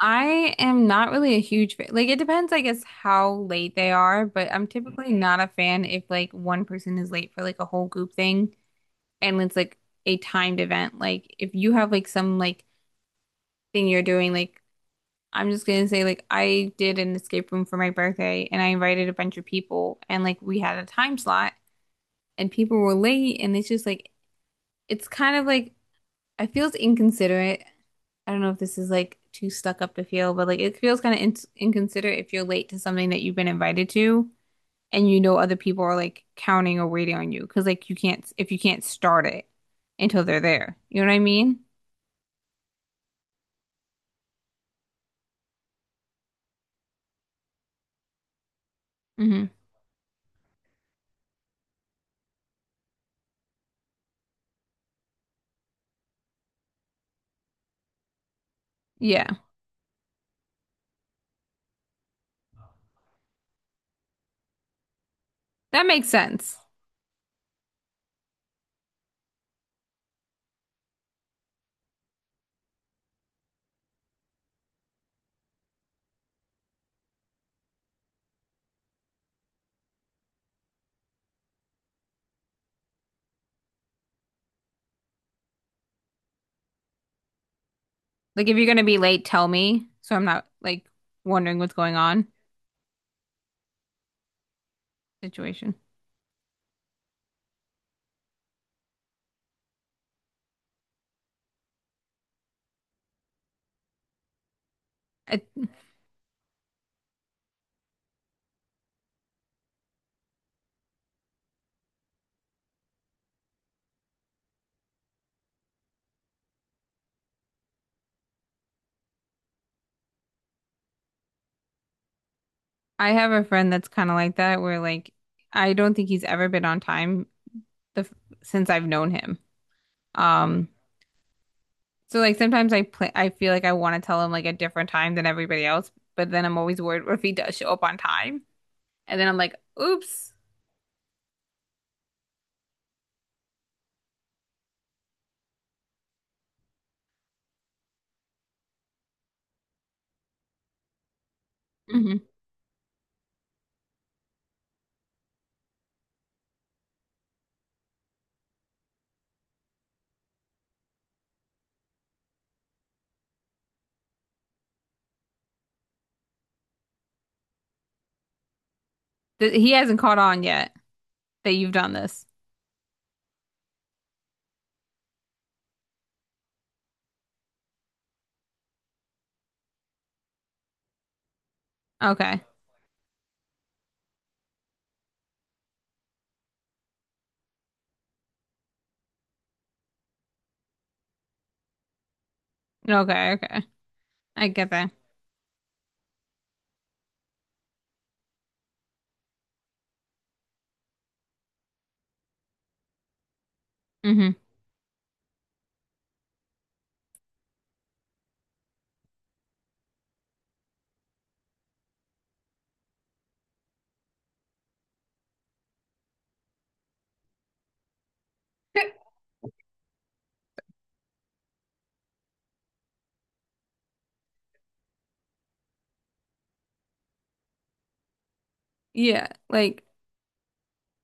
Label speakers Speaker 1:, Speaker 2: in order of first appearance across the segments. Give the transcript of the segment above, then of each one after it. Speaker 1: I am not really a huge fan. Like it depends, I guess, how late they are, but I'm typically not a fan if like one person is late for like a whole group thing and it's like a timed event. Like if you have like some like thing you're doing, like I'm just gonna say like I did an escape room for my birthday and I invited a bunch of people and like we had a time slot and people were late and it's just like it feels inconsiderate. I don't know if this is like too stuck up to feel, but like it feels kind of in inconsiderate if you're late to something that you've been invited to and you know other people are like counting or waiting on you because like you can't if you can't start it until they're there. You know what I mean? Hmm. Yeah. That makes sense. Like if you're gonna be late, tell me so I'm not like wondering what's going on situation. I I have a friend that's kind of like that where like I don't think he's ever been on time the since I've known him. Um, so like sometimes I feel like I want to tell him like a different time than everybody else, but then I'm always worried what if he does show up on time, and then I'm like, oops. Hmm. Th he hasn't caught on yet that you've done this. Okay, okay, okay, I get that. Hmm. Yeah, like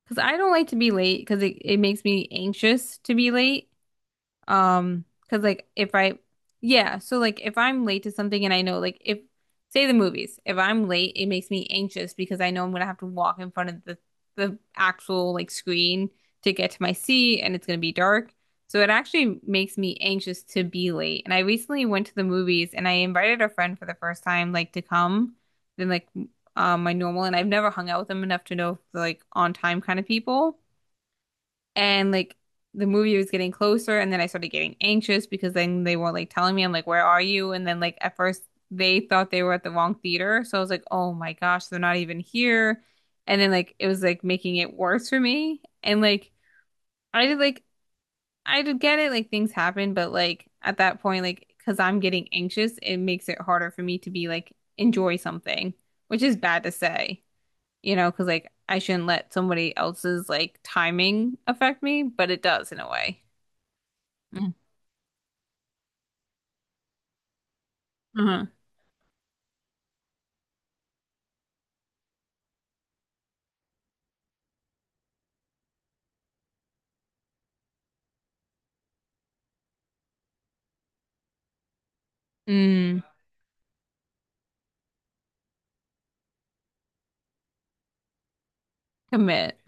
Speaker 1: because I don't like to be late because it makes me anxious to be late. Um, Cause like if I, yeah, so like if I'm late to something and I know like if say the movies, if I'm late, it makes me anxious because I know I'm gonna have to walk in front of the actual like screen to get to my seat and it's gonna be dark. So it actually makes me anxious to be late. And I recently went to the movies and I invited a friend for the first time like to come than like my normal and I've never hung out with them enough to know if they're like on time kind of people and like the movie was getting closer and then I started getting anxious because then they weren't like telling me, I'm like where are you, and then like at first they thought they were at the wrong theater, so I was like oh my gosh they're not even here, and then like it was like making it worse for me, and like I did like I did get it, like things happen, but like at that point, like because I'm getting anxious, it makes it harder for me to be like enjoy something, which is bad to say, you know, because like I shouldn't let somebody else's like timing affect me, but it does in a way. Mm. Uh-huh. Mm. Commit.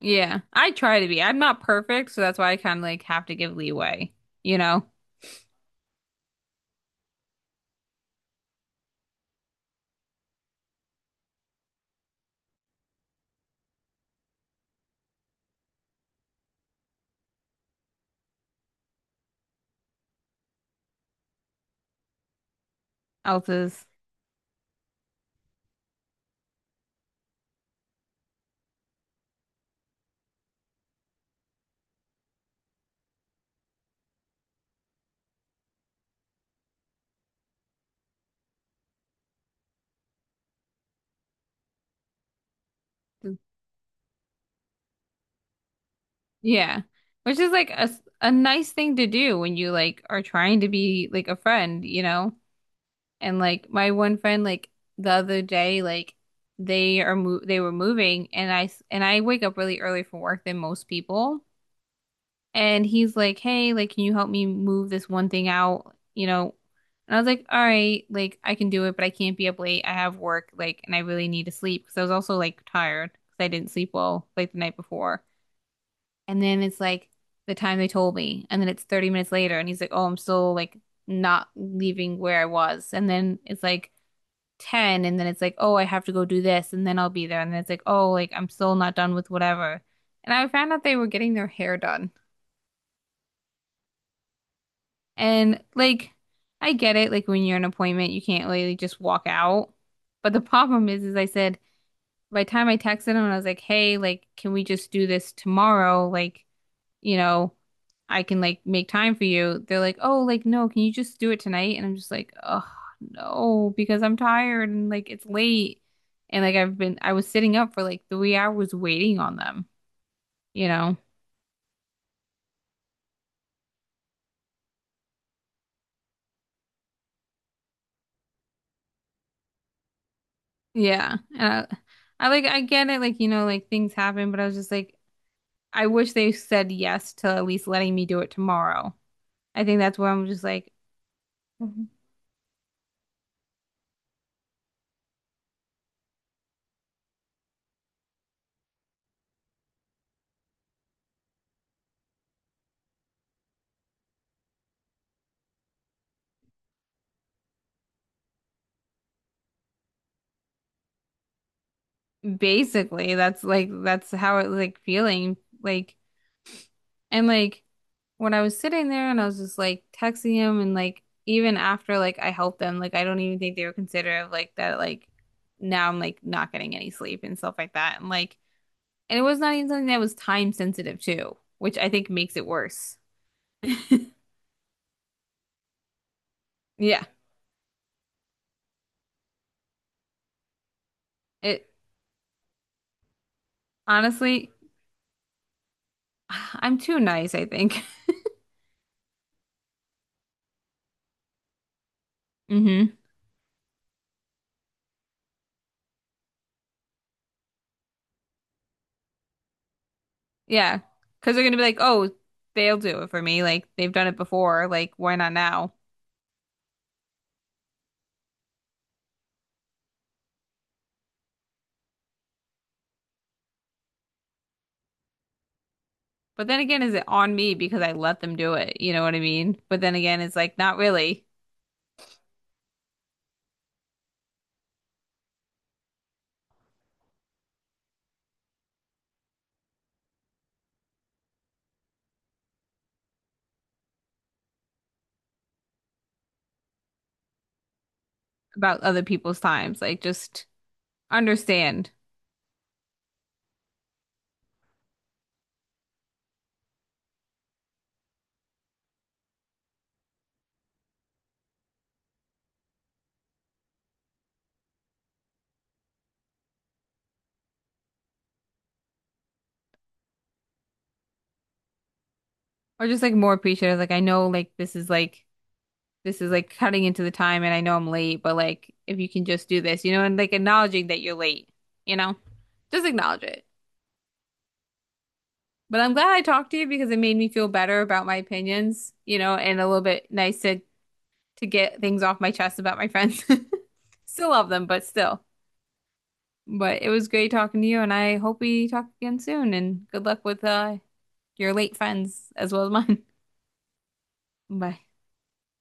Speaker 1: Yeah. I try to be. I'm not perfect, so that's why I kind of like have to give leeway, you know, else's. Yeah. Which is like a nice thing to do when you like are trying to be like a friend, you know? And like my one friend, like the other day, like they are mo they were moving, and I wake up really early for work than most people. And he's like, hey, like, can you help me move this one thing out? You know? And I was like, all right, like, I can do it, but I can't be up late. I have work, like, and I really need to sleep because I was also like tired because I didn't sleep well like the night before. And then it's like the time they told me. And then it's 30 minutes later. And he's like, oh, I'm still like not leaving where I was. And then it's like 10. And then it's like, oh, I have to go do this. And then I'll be there. And then it's like, oh, like, I'm still not done with whatever. And I found out they were getting their hair done. And like I get it, like when you're in an appointment, you can't really just walk out. But the problem is I said by the time I texted him, I was like, hey, like, can we just do this tomorrow? Like, you know, I can like make time for you. They're like, oh, like, no, can you just do it tonight? And I'm just like, oh, no, because I'm tired and like it's late. And like I've been, I was sitting up for like 3 hours waiting on them, you know? Yeah. And I get it, like, you know, like things happen, but I was just like, I wish they said yes to at least letting me do it tomorrow. I think that's where I'm just like, mm-hmm, basically, that's like, that's how it like feeling. Like, and like when I was sitting there and I was just like texting him and like, even after like I helped them, like, I don't even think they were considerate of like that, like, now I'm like not getting any sleep and stuff like that. And like, and it was not even something that was time sensitive too, which I think makes it worse. Yeah. It honestly, I'm too nice, I think. Hmm. Yeah. Because they're going to be like, oh, they'll do it for me. Like, they've done it before. Like, why not now? But then again, is it on me because I let them do it? You know what I mean? But then again, it's like not really about other people's times. Like, just understand, or just like more appreciative. Like, I know like this is like, this is like cutting into the time and I know I'm late, but like, if you can just do this, you know, and like acknowledging that you're late, you know, just acknowledge it. But I'm glad I talked to you because it made me feel better about my opinions, you know, and a little bit nice to get things off my chest about my friends. Still love them, but still. But it was great talking to you, and I hope we talk again soon. And good luck with your late friends as well as mine. Bye.